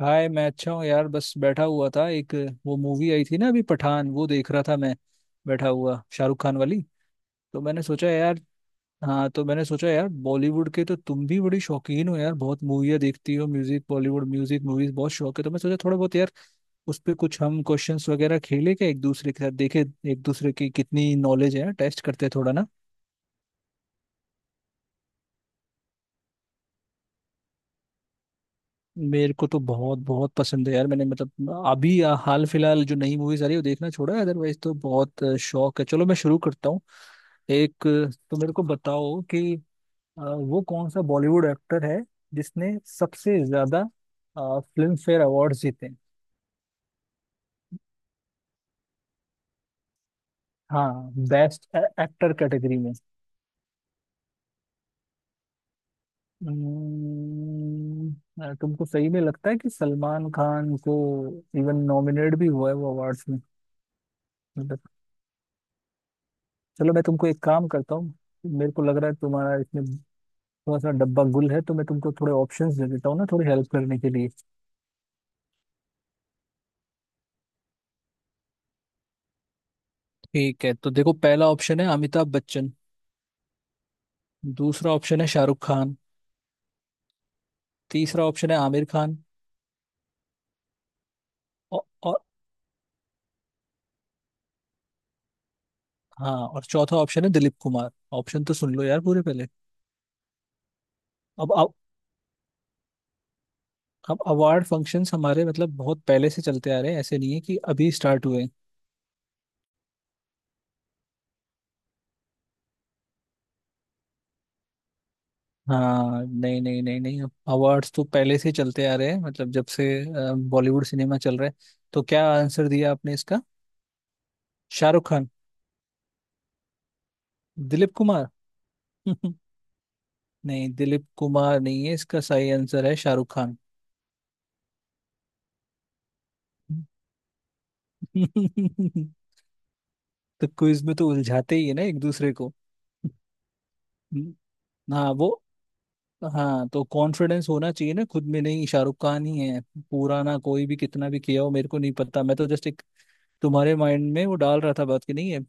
हाय, मैं अच्छा हूँ यार। बस बैठा हुआ था, एक वो मूवी आई थी ना, अभी पठान, वो देख रहा था मैं बैठा हुआ, शाहरुख खान वाली। तो मैंने सोचा यार, हाँ तो मैंने सोचा यार, बॉलीवुड के तो तुम भी बड़ी शौकीन हो यार, बहुत मूवियाँ देखती हो, म्यूजिक, बॉलीवुड म्यूजिक, मूवीज बहुत शौक है, तो मैं सोचा थोड़ा बहुत यार उस पर कुछ हम क्वेश्चंस वगैरह खेले क्या एक दूसरे के साथ, देखे एक दूसरे की कितनी नॉलेज है, टेस्ट करते थोड़ा ना। मेरे को तो बहुत बहुत पसंद है यार। मैंने मतलब अभी हाल फिलहाल जो नई मूवीज आ रही है वो देखना छोड़ा है, अदरवाइज तो बहुत शौक है। चलो मैं शुरू करता हूँ एक तो मेरे को बताओ कि वो कौन सा बॉलीवुड एक्टर है जिसने सबसे ज्यादा फिल्म फेयर अवार्ड जीते हैं? हाँ, बेस्ट एक्टर कैटेगरी में। तुमको सही में लगता है कि सलमान खान को इवन नॉमिनेट भी हुआ है वो अवार्ड्स में? मतलब। चलो मैं तुमको एक काम करता हूँ। मेरे को लग रहा है तुम्हारा इसमें थोड़ा सा डब्बा गुल है, तो मैं तुमको थोड़े ऑप्शंस दे देता हूँ ना, थोड़ी हेल्प करने के लिए। ठीक है, तो देखो पहला ऑप्शन है अमिताभ बच्चन। दूसरा ऑप्शन है शाहरुख खान। तीसरा ऑप्शन है आमिर खान। और हाँ, और चौथा ऑप्शन है दिलीप कुमार। ऑप्शन तो सुन लो यार पूरे पहले। अब अवार्ड फंक्शंस हमारे मतलब बहुत पहले से चलते आ रहे हैं, ऐसे नहीं है कि अभी स्टार्ट हुए हैं। हाँ नहीं नहीं नहीं नहीं, अवार्ड्स तो पहले से चलते आ रहे हैं, मतलब जब से बॉलीवुड सिनेमा चल रहा है। तो क्या आंसर दिया आपने इसका? शाहरुख खान, दिलीप कुमार? नहीं, दिलीप कुमार नहीं है, इसका सही आंसर है शाहरुख खान। तो क्विज में तो उलझाते ही है ना एक दूसरे को। हम्म, हाँ वो, हाँ तो कॉन्फिडेंस होना चाहिए ना खुद में। नहीं, शाहरुख खान ही है। पुराना कोई भी कितना भी किया हो मेरे को नहीं पता, मैं तो जस्ट एक तुम्हारे माइंड में वो डाल रहा था बात, कि नहीं है,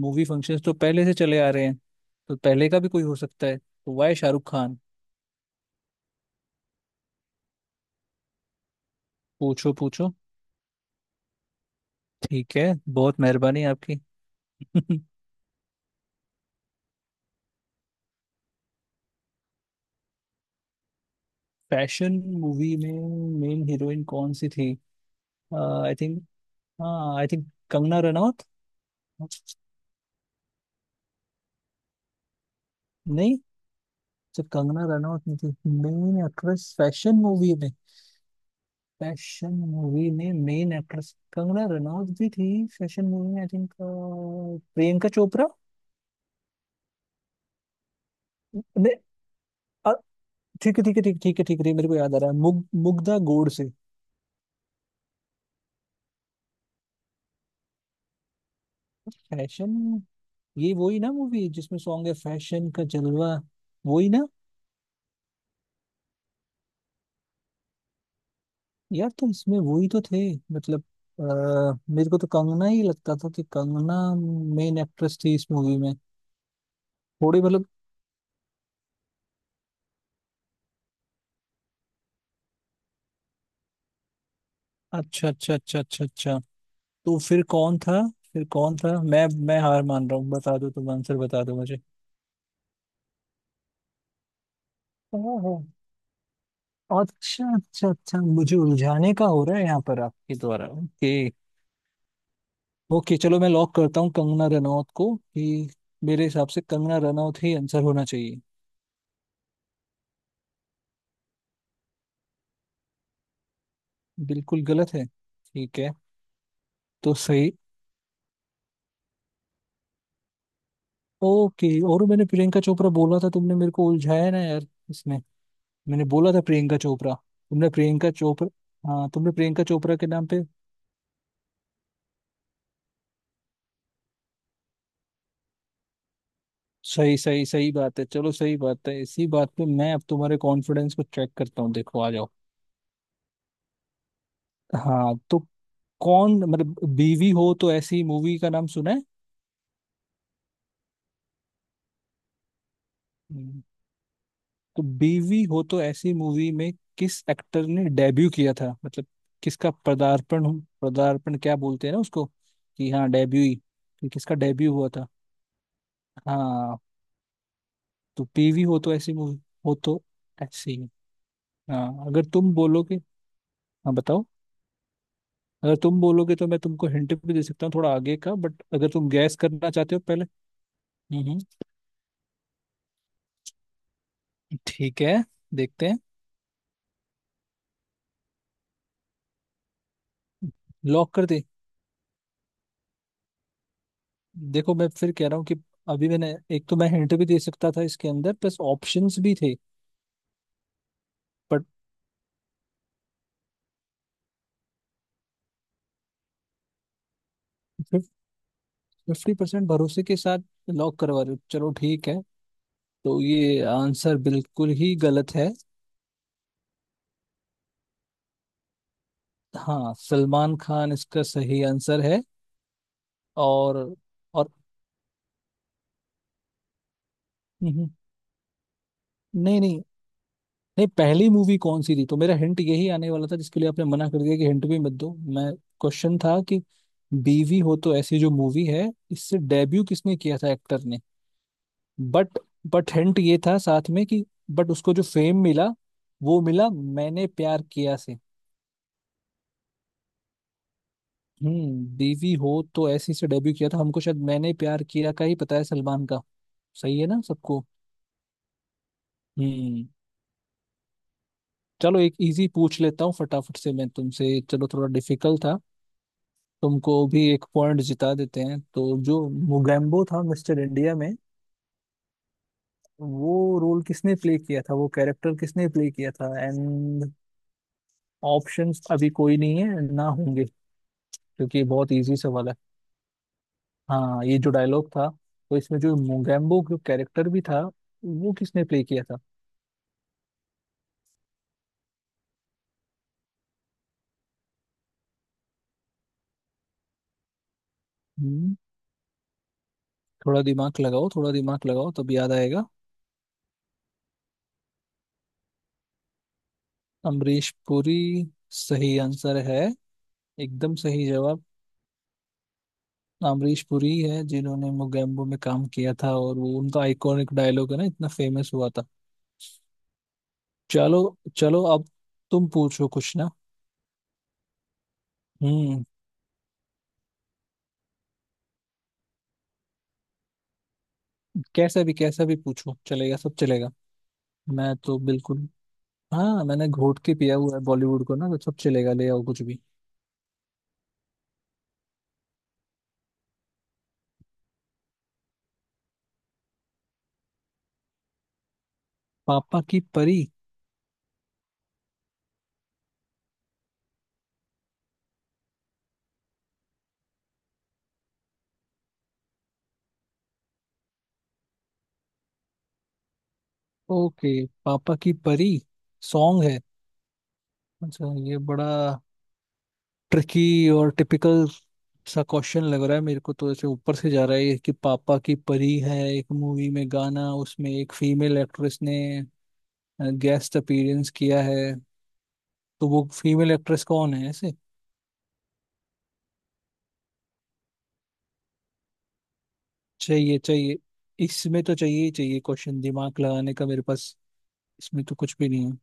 मूवी फंक्शंस तो पहले से चले आ रहे हैं, तो पहले का भी कोई हो सकता है, तो वाई शाहरुख खान। पूछो पूछो, ठीक है। बहुत मेहरबानी आपकी। फैशन मूवी में मेन हीरोइन कौन सी थी? आई थिंक, हाँ आई थिंक कंगना रनौत। नहीं? तो कंगना रनौत नहीं थी मेन एक्ट्रेस फैशन मूवी में? फैशन मूवी में मेन एक्ट्रेस कंगना रनौत भी थी, फैशन मूवी में आई थिंक प्रियंका चोपड़ा? नहीं, ठीक है, ठीक है, ठीक ठीक है, ठीक है, मेरे को याद आ रहा है, मुग्धा गोड से। फैशन, ये वही ना मूवी जिसमें सॉन्ग है फैशन का जलवा, वही ना? यार तो इसमें वही तो थे, मतलब, मेरे को तो कंगना ही लगता था कि कंगना मेन एक्ट्रेस थी इस मूवी में, थोड़ी मतलब। अच्छा अच्छा अच्छा अच्छा अच्छा। तो फिर कौन था? फिर कौन था? मैं हार मान रहा हूँ, बता दो तुम आंसर, बता दो मुझे। ओहो, अच्छा अच्छा अच्छा, मुझे उलझाने का हो रहा है यहाँ पर आपके द्वारा? ओके। ओके चलो मैं लॉक करता हूँ कंगना रनौत को, कि मेरे हिसाब से कंगना रनौत ही आंसर होना चाहिए। बिल्कुल गलत है? ठीक है। तो सही? ओके। और मैंने प्रियंका चोपड़ा बोला था, तुमने मेरे को उलझाया ना यार इसमें, मैंने बोला था प्रियंका चोपड़ा, तुमने प्रियंका चोपड़ा, हाँ तुमने प्रियंका चोपड़ा के नाम पे। सही सही सही बात है, चलो सही बात है, इसी बात पे मैं अब तुम्हारे कॉन्फिडेंस को चेक करता हूँ, देखो आ जाओ। हाँ, तो कौन मतलब, बीवी हो तो ऐसी मूवी का नाम सुना है? तो बीवी हो तो ऐसी मूवी में किस एक्टर ने डेब्यू किया था, मतलब किसका पदार्पण हो, पदार्पण क्या बोलते हैं ना उसको, कि हाँ डेब्यू ही, कि किसका डेब्यू हुआ था? हाँ तो बीवी हो तो ऐसी मूवी, हो तो ऐसी, हाँ अगर तुम बोलोगे, हाँ बताओ, अगर तुम बोलोगे तो मैं तुमको हिंट भी दे सकता हूँ थोड़ा आगे का, बट अगर तुम गैस करना चाहते हो पहले। हम्म हम्म, ठीक है, देखते हैं। लॉक कर दे? देखो मैं फिर कह रहा हूँ कि अभी मैंने एक, तो मैं हिंट भी दे सकता था इसके अंदर प्लस ऑप्शंस भी थे, बट 50% भरोसे के साथ लॉक करवा रहे हो, चलो ठीक है। तो ये आंसर बिल्कुल ही गलत है। हाँ, सलमान खान इसका सही आंसर है। और और हम्म, नहीं नहीं, नहीं पहली मूवी कौन सी थी, तो मेरा हिंट यही आने वाला था जिसके लिए आपने मना कर दिया कि हिंट भी मत दो, मैं क्वेश्चन था कि बीवी हो तो ऐसी जो मूवी है इससे डेब्यू किसने किया था एक्टर ने, बट बट हिंट ये था साथ में कि, बट उसको जो फेम मिला वो मिला मैंने प्यार किया से। बीवी हो तो ऐसी से डेब्यू किया था, हमको शायद मैंने प्यार किया का ही पता है सलमान का। सही है ना सबको? हम्म। चलो एक इजी पूछ लेता हूँ फटाफट से मैं तुमसे, चलो थोड़ा डिफिकल्ट था, तुमको भी एक पॉइंट जिता देते हैं। तो जो मुगैम्बो था मिस्टर इंडिया में, वो रोल किसने प्ले किया था, वो कैरेक्टर किसने प्ले किया था? एंड ऑप्शंस अभी कोई नहीं है ना होंगे, क्योंकि ये बहुत इजी सवाल है। हाँ, ये जो डायलॉग था, तो इसमें जो मोगेम्बो जो कैरेक्टर भी था, वो किसने प्ले किया था? हम्म थोड़ा दिमाग लगाओ, थोड़ा दिमाग लगाओ, तब याद आएगा। अमरीश पुरी, सही आंसर है, एकदम सही जवाब। अमरीश पुरी है जिन्होंने मोगेम्बो में काम किया था, और वो उनका आइकॉनिक डायलॉग है ना, इतना फेमस हुआ था। चलो, चलो अब तुम पूछो कुछ ना। हम्म। कैसा भी पूछो, चलेगा, सब चलेगा, मैं तो बिल्कुल, हाँ मैंने घोट के पिया हुआ है बॉलीवुड को ना, तो सब चलेगा, ले आओ कुछ भी। पापा की परी? ओके, पापा की परी सॉन्ग है? अच्छा, ये बड़ा ट्रिकी और टिपिकल सा क्वेश्चन लग रहा है, मेरे को तो ऐसे ऊपर से जा रहा है ये, कि पापा की परी है एक मूवी में गाना, उसमें एक फीमेल एक्ट्रेस ने गेस्ट अपीयरेंस किया है, तो वो फीमेल एक्ट्रेस कौन है ऐसे? चाहिए चाहिए, इसमें तो चाहिए ही चाहिए क्वेश्चन, दिमाग लगाने का मेरे पास इसमें तो कुछ भी नहीं है।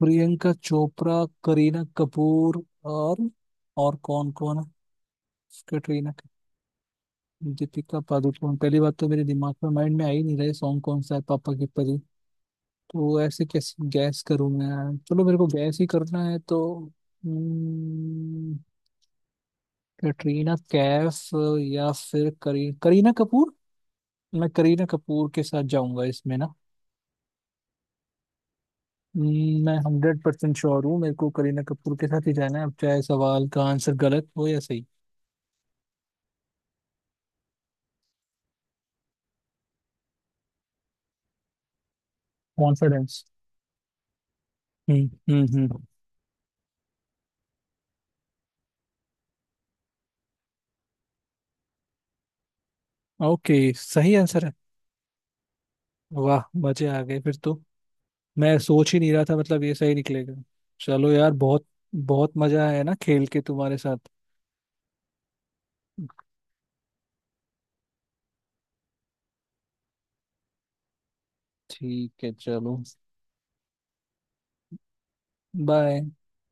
प्रियंका चोपड़ा, करीना कपूर, और और कौन कौन है? कैटरीना कैफ, दीपिका पादुकोण, पहली बात तो मेरे दिमाग में, माइंड में आ ही नहीं रहे सॉन्ग कौन सा है पापा की परी, तो ऐसे कैसे गैस करूं मैं? चलो मेरे को गैस ही करना है तो, हम्म, कैटरीना कैफ या फिर करीना कपूर, मैं करीना कपूर के साथ जाऊंगा इसमें ना। मैं 100% श्योर हूँ, मेरे को करीना कपूर के साथ ही जाना है, अब चाहे सवाल का आंसर गलत हो या सही। कॉन्फिडेंस। हम्म, हम्म, हम्म। ओके, सही आंसर है? वाह मजे आ गए फिर तो, मैं सोच ही नहीं रहा था मतलब ये सही निकलेगा। चलो यार, बहुत बहुत मजा आया ना खेल के तुम्हारे साथ। ठीक है, चलो बाय।